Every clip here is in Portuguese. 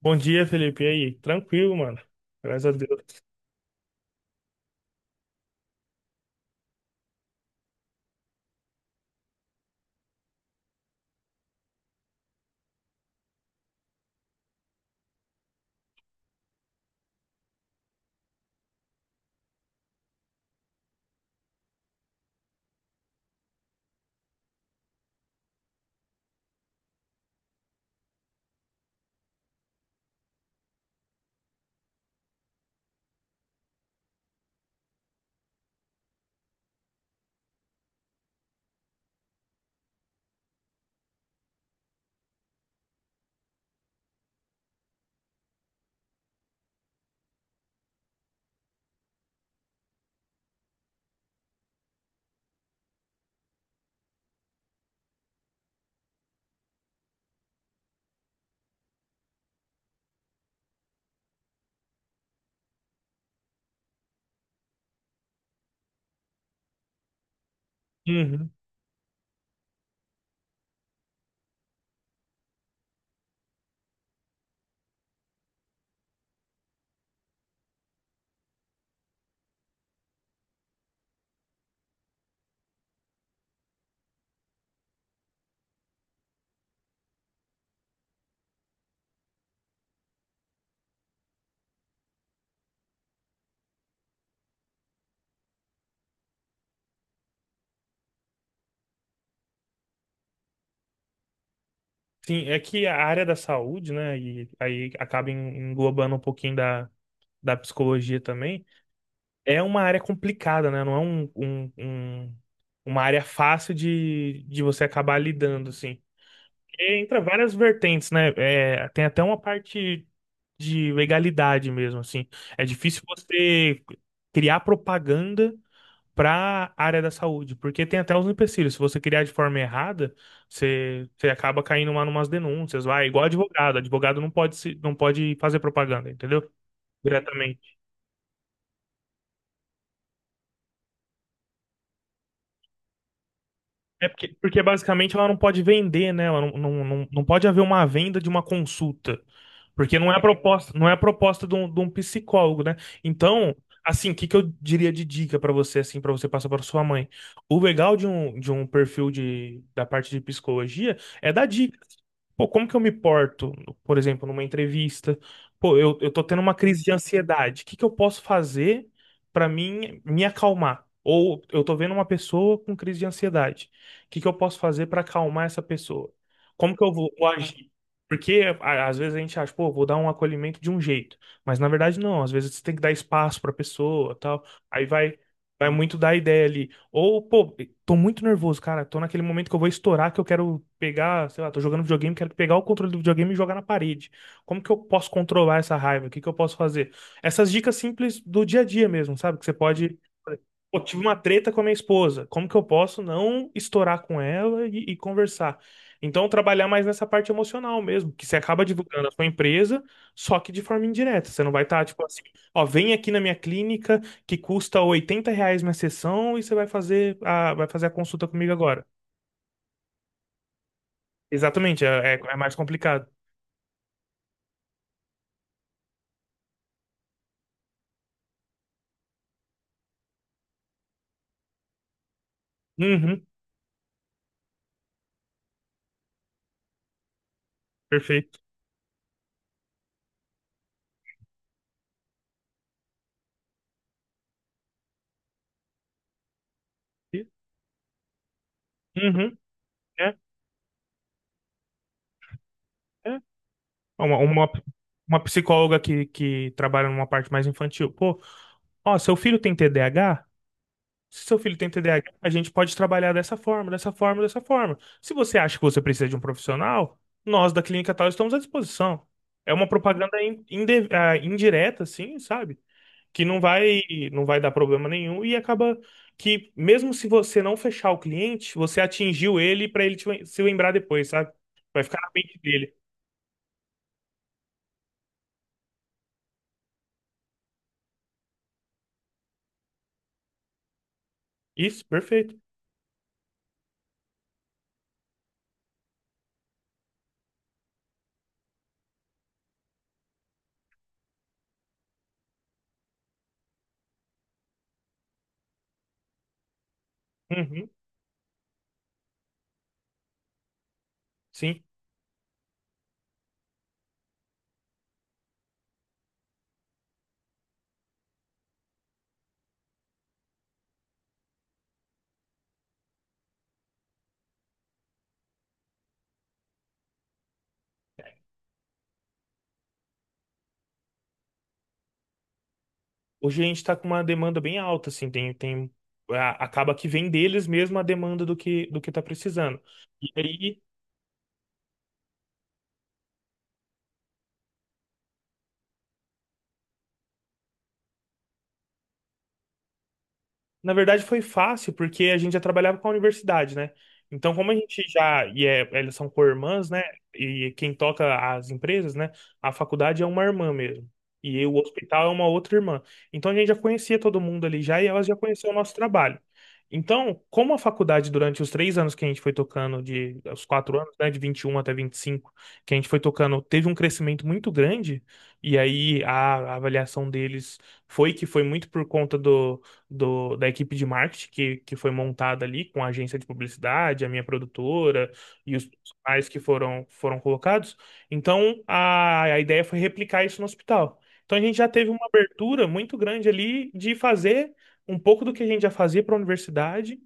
Bom dia, Felipe. E aí? Tranquilo, mano. Graças a Deus. Uhum. Sim, é que a área da saúde, né? E aí acaba englobando um pouquinho da, da psicologia também. É uma área complicada, né? Não é um, um- um- Uma área fácil de você acabar lidando, assim. E entra várias vertentes, né? É, tem até uma parte de legalidade mesmo, assim. É difícil você criar propaganda para a área da saúde, porque tem até uns empecilhos. Se você criar de forma errada, você acaba caindo lá numas denúncias, vai, igual advogado. Advogado não pode fazer propaganda, entendeu? Diretamente. É porque basicamente ela não pode vender, né? Ela não pode haver uma venda de uma consulta. Porque não é a proposta, não é a proposta de um psicólogo, né? Então, assim, o que que eu diria de dica para você, assim, para você passar para sua mãe? O legal de um perfil de, da parte de psicologia é dar dicas. Pô, como que eu me porto, por exemplo, numa entrevista? Pô, eu tô tendo uma crise de ansiedade. O que que eu posso fazer pra mim me acalmar? Ou eu tô vendo uma pessoa com crise de ansiedade. O que que eu posso fazer pra acalmar essa pessoa? Como que vou agir? Porque às vezes a gente acha, pô, vou dar um acolhimento de um jeito, mas na verdade não, às vezes você tem que dar espaço pra pessoa, tal. Aí vai Vai muito da ideia ali. Ou, pô, tô muito nervoso, cara. Tô naquele momento que eu vou estourar, que eu quero pegar, sei lá, tô jogando videogame, quero pegar o controle do videogame e jogar na parede. Como que eu posso controlar essa raiva? O que que eu posso fazer? Essas dicas simples do dia a dia mesmo, sabe? Que você pode. Pô, tive uma treta com a minha esposa. Como que eu posso não estourar com ela e conversar? Então, trabalhar mais nessa parte emocional mesmo, que você acaba divulgando a sua empresa, só que de forma indireta. Você não vai estar, tipo assim, ó, vem aqui na minha clínica que custa 80 reais minha sessão e você vai fazer vai fazer a consulta comigo agora. Exatamente, é mais complicado. Uhum, perfeito. Uhum, é, é. Uma, uma, uma psicóloga que trabalha numa parte mais infantil. Pô, ó, seu filho tem TDAH? Se seu filho tem TDAH, a gente pode trabalhar dessa forma, dessa forma, dessa forma. Se você acha que você precisa de um profissional, nós da clínica tal estamos à disposição. É uma propaganda indireta, assim, sabe? Que não vai, não vai dar problema nenhum e acaba que, mesmo se você não fechar o cliente, você atingiu ele para se lembrar depois, sabe? Vai ficar na mente dele. Isso, perfeito. Uhum, sim. Hoje a gente está com uma demanda bem alta, assim, acaba que vem deles mesmo a demanda do que está precisando. E aí, na verdade, foi fácil, porque a gente já trabalhava com a universidade, né? Então, como a gente já. E é, elas são co-irmãs, né? E quem toca as empresas, né? A faculdade é uma irmã mesmo. E o hospital é uma outra irmã. Então, a gente já conhecia todo mundo ali já e elas já conheciam o nosso trabalho. Então, como a faculdade, durante os três anos que a gente foi tocando, de, os quatro anos, né, de 21 até 25 que a gente foi tocando, teve um crescimento muito grande, e aí a avaliação deles foi que foi muito por conta da equipe de marketing que foi montada ali com a agência de publicidade, a minha produtora e os profissionais foram colocados. Então, a ideia foi replicar isso no hospital. Então, a gente já teve uma abertura muito grande ali de fazer um pouco do que a gente já fazia para a universidade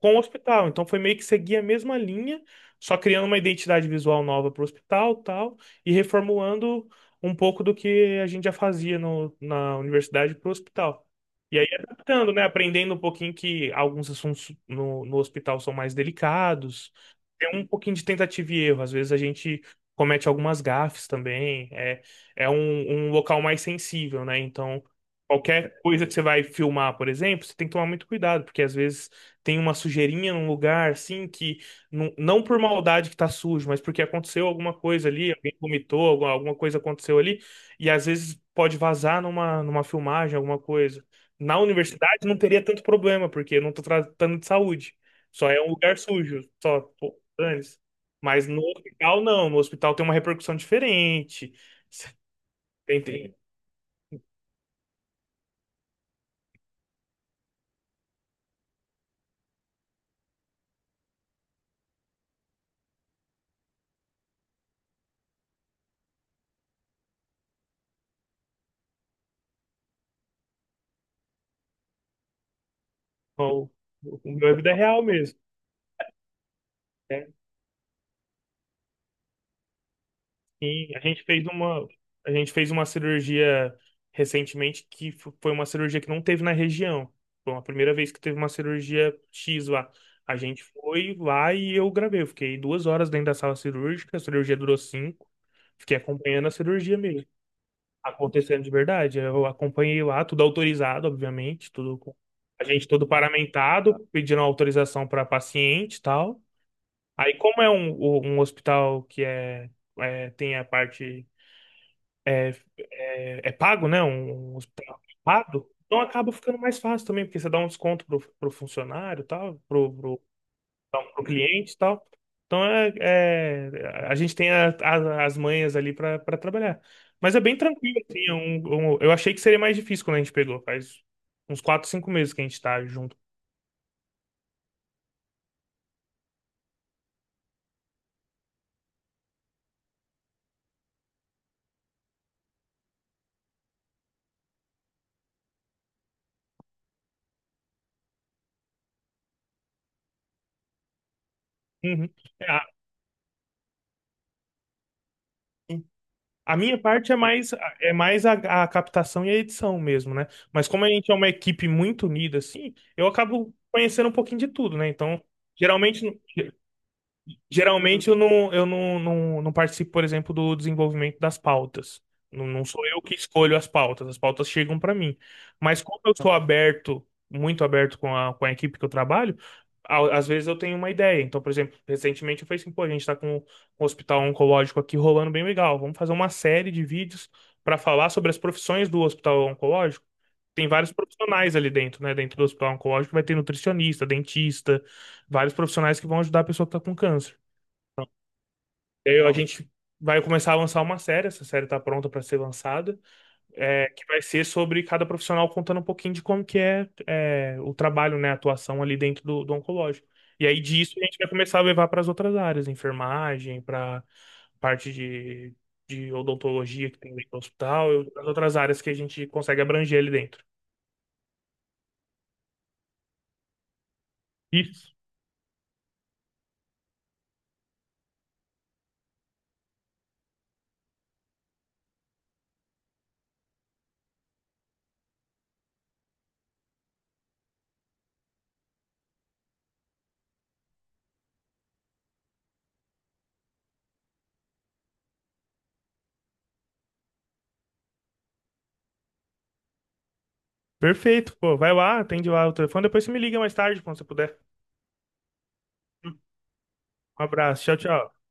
com o hospital. Então, foi meio que seguir a mesma linha, só criando uma identidade visual nova para o hospital, tal, e reformulando um pouco do que a gente já fazia na universidade para o hospital. E adaptando, né? Aprendendo um pouquinho que alguns assuntos no hospital são mais delicados. Tem um pouquinho de tentativa e erro. Às vezes a gente comete algumas gafes também. É, é um, um local mais sensível, né? Então, qualquer coisa que você vai filmar, por exemplo, você tem que tomar muito cuidado, porque às vezes tem uma sujeirinha num lugar, assim, que não por maldade que tá sujo, mas porque aconteceu alguma coisa ali, alguém vomitou, alguma coisa aconteceu ali, e às vezes pode vazar numa filmagem, alguma coisa. Na universidade não teria tanto problema, porque eu não tô tratando de saúde. Só é um lugar sujo, só, pô, dane-se. Mas no hospital, não. No hospital tem uma repercussão diferente. Tem, tem. O, o meu é vida real mesmo, né? E a gente fez uma, a gente fez uma cirurgia recentemente foi uma cirurgia que não teve na região. Foi a primeira vez que teve uma cirurgia X lá. A gente foi lá e eu gravei. Eu fiquei 2 horas dentro da sala cirúrgica, a cirurgia durou cinco. Fiquei acompanhando a cirurgia mesmo, acontecendo de verdade. Eu acompanhei lá, tudo autorizado, obviamente, a gente todo paramentado, pedindo autorização para paciente e tal. Aí, como é um, um hospital é tem a parte é pago, né? Um hospital pago, então acaba ficando mais fácil também, porque você dá um desconto pro funcionário, e tal, pro cliente, e tal. Então é, a gente tem as manhas ali para trabalhar. Mas é bem tranquilo, assim, eu achei que seria mais difícil quando a gente pegou, faz uns 4, 5 meses que a gente tá junto. Uhum. É, a minha parte é mais a captação e a edição mesmo, né? Mas como a gente é uma equipe muito unida, assim, eu acabo conhecendo um pouquinho de tudo, né? Então, geralmente, Geralmente, eu não não participo, por exemplo, do desenvolvimento das pautas. Não sou eu que escolho as pautas chegam para mim. Mas como eu sou aberto, muito aberto com com a equipe que eu trabalho, às vezes eu tenho uma ideia. Então, por exemplo, recentemente eu falei assim, pô, a gente está com um hospital oncológico aqui rolando bem legal. Vamos fazer uma série de vídeos para falar sobre as profissões do hospital oncológico. Tem vários profissionais ali dentro, né? Dentro do hospital oncológico vai ter nutricionista, dentista, vários profissionais que vão ajudar a pessoa que está com câncer. E aí a gente vai começar a lançar uma série, essa série tá pronta para ser lançada, é, que vai ser sobre cada profissional contando um pouquinho de como que é, é, o trabalho, né, a atuação ali dentro do oncológico. E aí disso a gente vai começar a levar para as outras áreas, enfermagem, para parte de odontologia que tem dentro do hospital, e as outras áreas que a gente consegue abranger ali dentro. Isso. Perfeito, pô. Vai lá, atende lá o telefone, depois você me liga mais tarde, quando você puder. Um abraço, tchau, tchau.